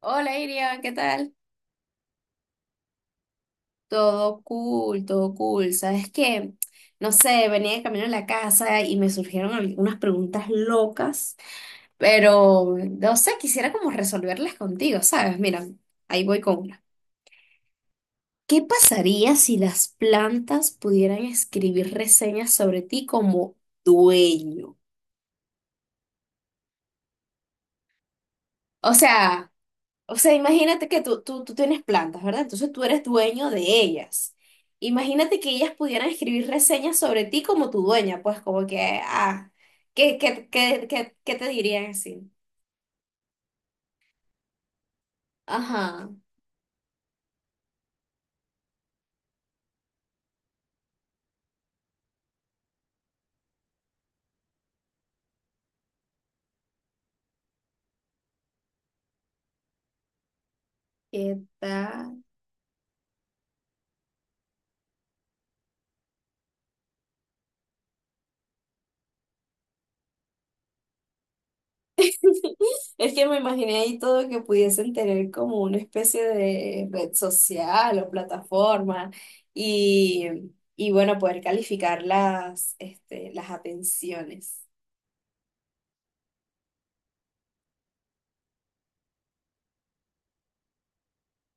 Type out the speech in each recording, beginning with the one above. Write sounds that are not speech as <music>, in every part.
Hola Irian, ¿qué tal? Todo cool, todo cool. ¿Sabes qué? No sé, venía de camino a la casa y me surgieron algunas preguntas locas, pero no sé, quisiera como resolverlas contigo, ¿sabes? Mira, ahí voy con una. ¿Qué pasaría si las plantas pudieran escribir reseñas sobre ti como dueño? O sea, o sea, imagínate que tú tienes plantas, ¿verdad? Entonces tú eres dueño de ellas. Imagínate que ellas pudieran escribir reseñas sobre ti como tu dueña, pues como que, ah, ¿qué te dirían así? Ajá, ¿qué tal? <laughs> Es que me imaginé ahí todo que pudiesen tener como una especie de red social o plataforma y, y bueno, poder calificar las, este, las atenciones.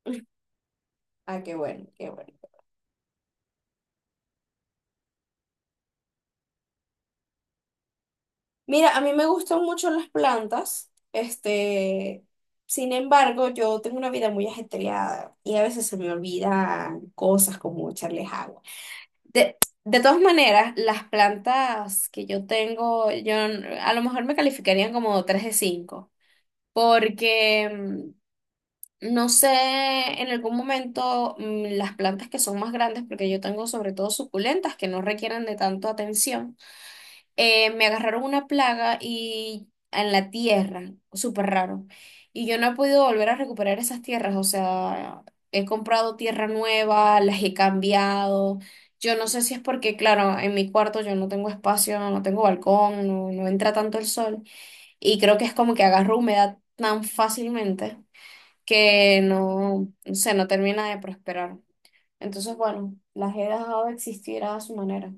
<laughs> Ah, qué bueno, qué bueno. Mira, a mí me gustan mucho las plantas, este, sin embargo, yo tengo una vida muy ajetreada y a veces se me olvidan cosas como echarles agua. De, de todas maneras, las plantas que yo tengo, yo n- a lo mejor me calificarían como 3 de 5, porque no sé, en algún momento las plantas que son más grandes, porque yo tengo sobre todo suculentas que no requieren de tanto atención me agarraron una plaga y en la tierra, súper raro. Y yo no he podido volver a recuperar esas tierras, o sea, he comprado tierra nueva, las he cambiado. Yo no sé si es porque, claro, en mi cuarto yo no tengo espacio, no tengo balcón, no, no entra tanto el sol. Y creo que es como que agarro humedad tan fácilmente que no, no sé, no termina de prosperar. Entonces, bueno, las he dejado de existir a su manera.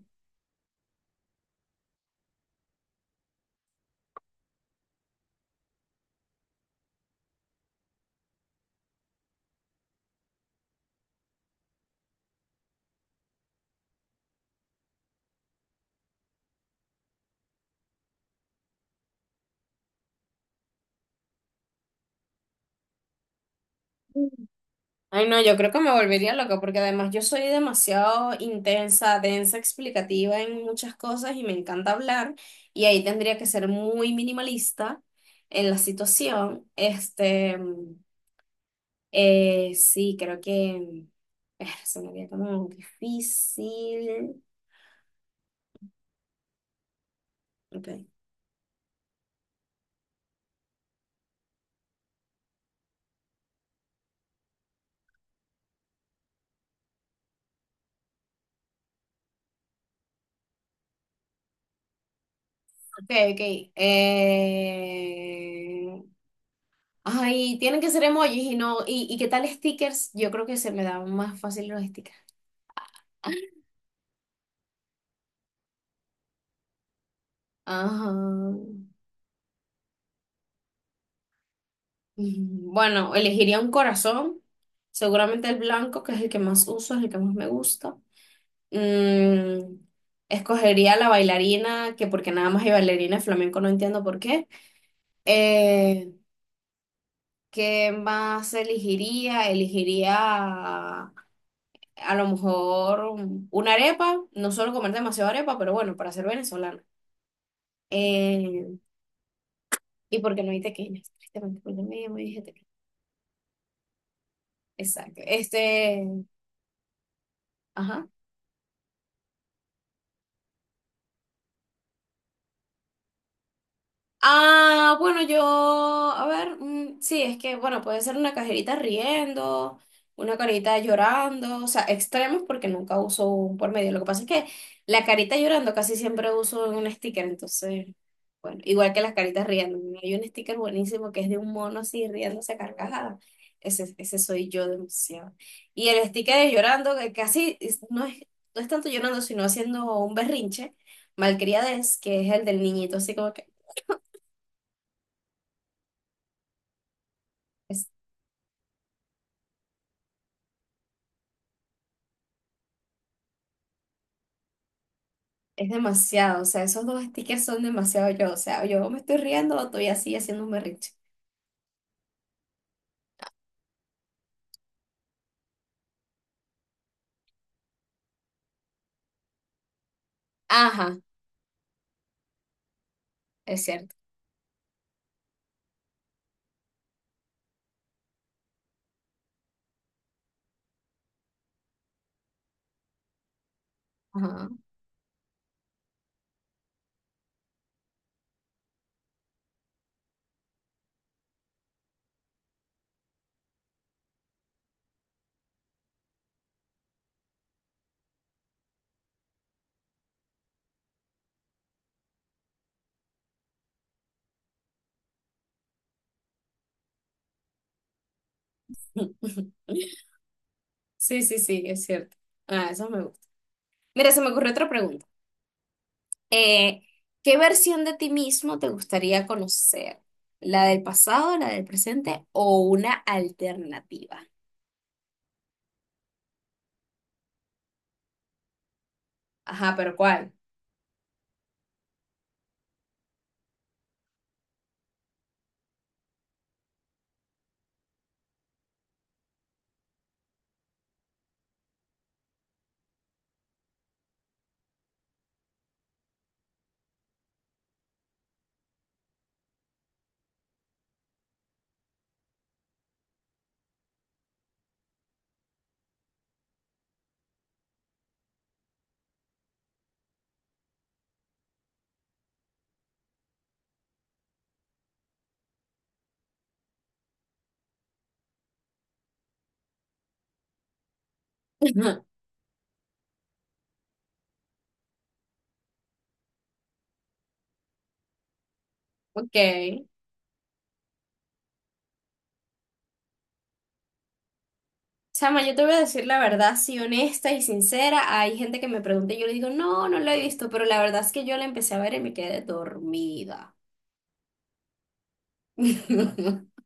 Ay, no, yo creo que me volvería loca porque además yo soy demasiado intensa, densa, explicativa en muchas cosas y me encanta hablar y ahí tendría que ser muy minimalista en la situación. Este, sí, creo que se me haría como difícil. Ok, ok, ok. Eh, ay, tienen que ser emojis y no, y ¿qué tal stickers? Yo creo que se me dan más fácil los stickers. Ajá. Bueno, elegiría un corazón. Seguramente el blanco, que es el que más uso, es el que más me gusta. Mm, escogería la bailarina, que porque nada más hay bailarina de flamenco, no entiendo por qué. Eh, ¿Qué más elegiría? Elegiría a lo mejor una arepa. No suelo comer demasiado arepa, pero bueno, para ser venezolana. Eh, y porque no hay tequeñas, tristemente, porque me dije tequeñas. Exacto. Este, ajá. Ah, bueno, yo, a ver, mm, sí, es que, bueno, puede ser una cajerita riendo, una carita llorando, o sea, extremos porque nunca uso un por medio. Lo que pasa es que la carita llorando casi siempre uso un sticker, entonces, bueno, igual que las caritas riendo, ¿no? Hay un sticker buenísimo que es de un mono así riéndose a carcajada. Ese soy yo demasiado. Y el sticker de llorando, que no es, no es tanto llorando, sino haciendo un berrinche, malcriadez, que es el del niñito, así como que. Es demasiado, o sea, esos dos stickers son demasiado yo, o sea, yo me estoy riendo o estoy así haciendo un berrinche. Ajá, es cierto. Ajá. <laughs> Sí, sí, sí, es cierto. Ah, eso me gusta. Mira, se me ocurrió otra pregunta. Eh, ¿Qué versión de ti mismo te gustaría conocer? ¿La del pasado, la del presente o una alternativa? Ajá, pero ¿cuál? <laughs> Ok. Chama, yo te voy a decir la verdad, sí, honesta y sincera. Hay gente que me pregunta y yo le digo, no, no la he visto, pero la verdad es que yo la empecé a ver y me quedé dormida. <laughs>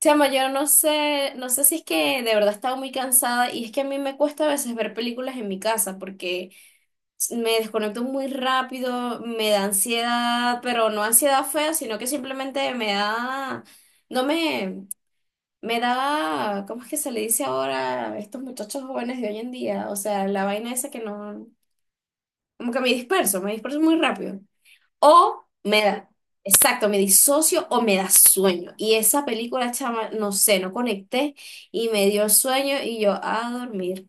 Chama, yo no sé, no sé si es que de verdad estaba muy cansada y es que a mí me cuesta a veces ver películas en mi casa porque me desconecto muy rápido, me da ansiedad, pero no ansiedad fea, sino que simplemente me da, no me, me da, ¿cómo es que se le dice ahora a estos muchachos jóvenes de hoy en día? O sea, la vaina esa que no, como que me disperso muy rápido. O me da, exacto, me disocio o me da sueño. Y esa película, chama, no sé, no conecté y me dio sueño y yo a dormir.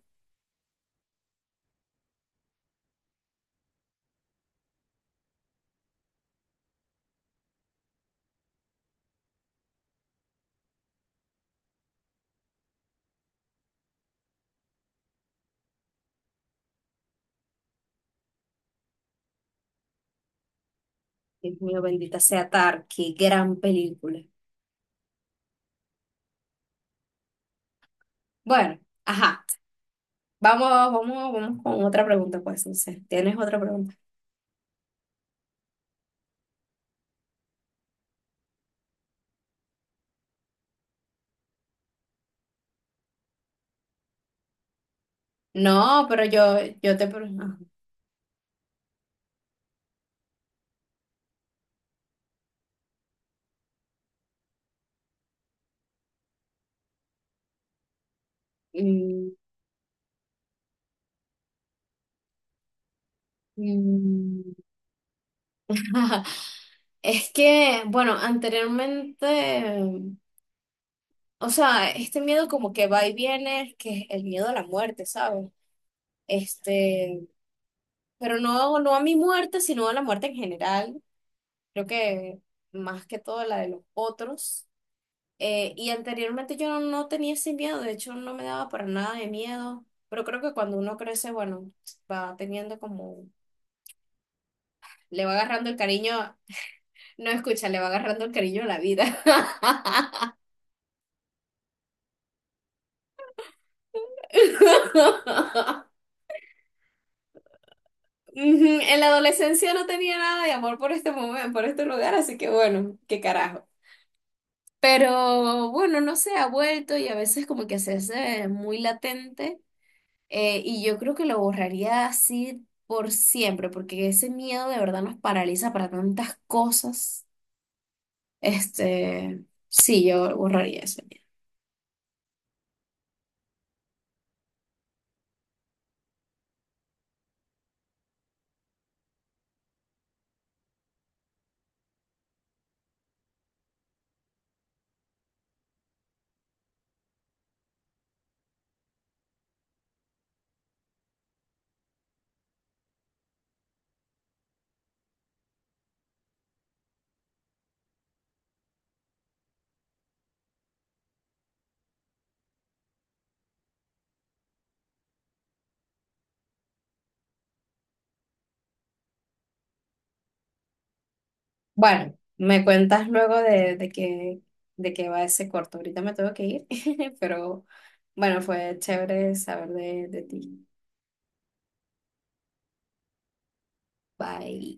Dios mío, bendita sea Tar, qué gran película. Bueno, ajá. Vamos con otra pregunta, pues, no sé. ¿Tienes otra pregunta? No, pero yo, ajá. Mm, mm. <laughs> Es que, bueno, anteriormente, o sea, este miedo como que va y viene, que es el miedo a la muerte, ¿sabes? Este, pero no, no a mi muerte, sino a la muerte en general. Creo que más que todo la de los otros. Y anteriormente yo no, no tenía ese miedo, de hecho no me daba para nada de miedo, pero creo que cuando uno crece, bueno, va teniendo como, le va agarrando el cariño, no escucha, le va agarrando el cariño a la vida. <laughs> <laughs> Ujú. En la adolescencia no tenía nada de amor por este momento, por este lugar, así que bueno, qué carajo. Pero bueno, no sé, ha vuelto y a veces como que se hace muy latente y yo creo que lo borraría así por siempre, porque ese miedo de verdad nos paraliza para tantas cosas. Este, sí, yo borraría eso. Bueno, me cuentas luego de que va ese corto. Ahorita me tengo que ir, <laughs> pero bueno, fue chévere saber de ti. Bye.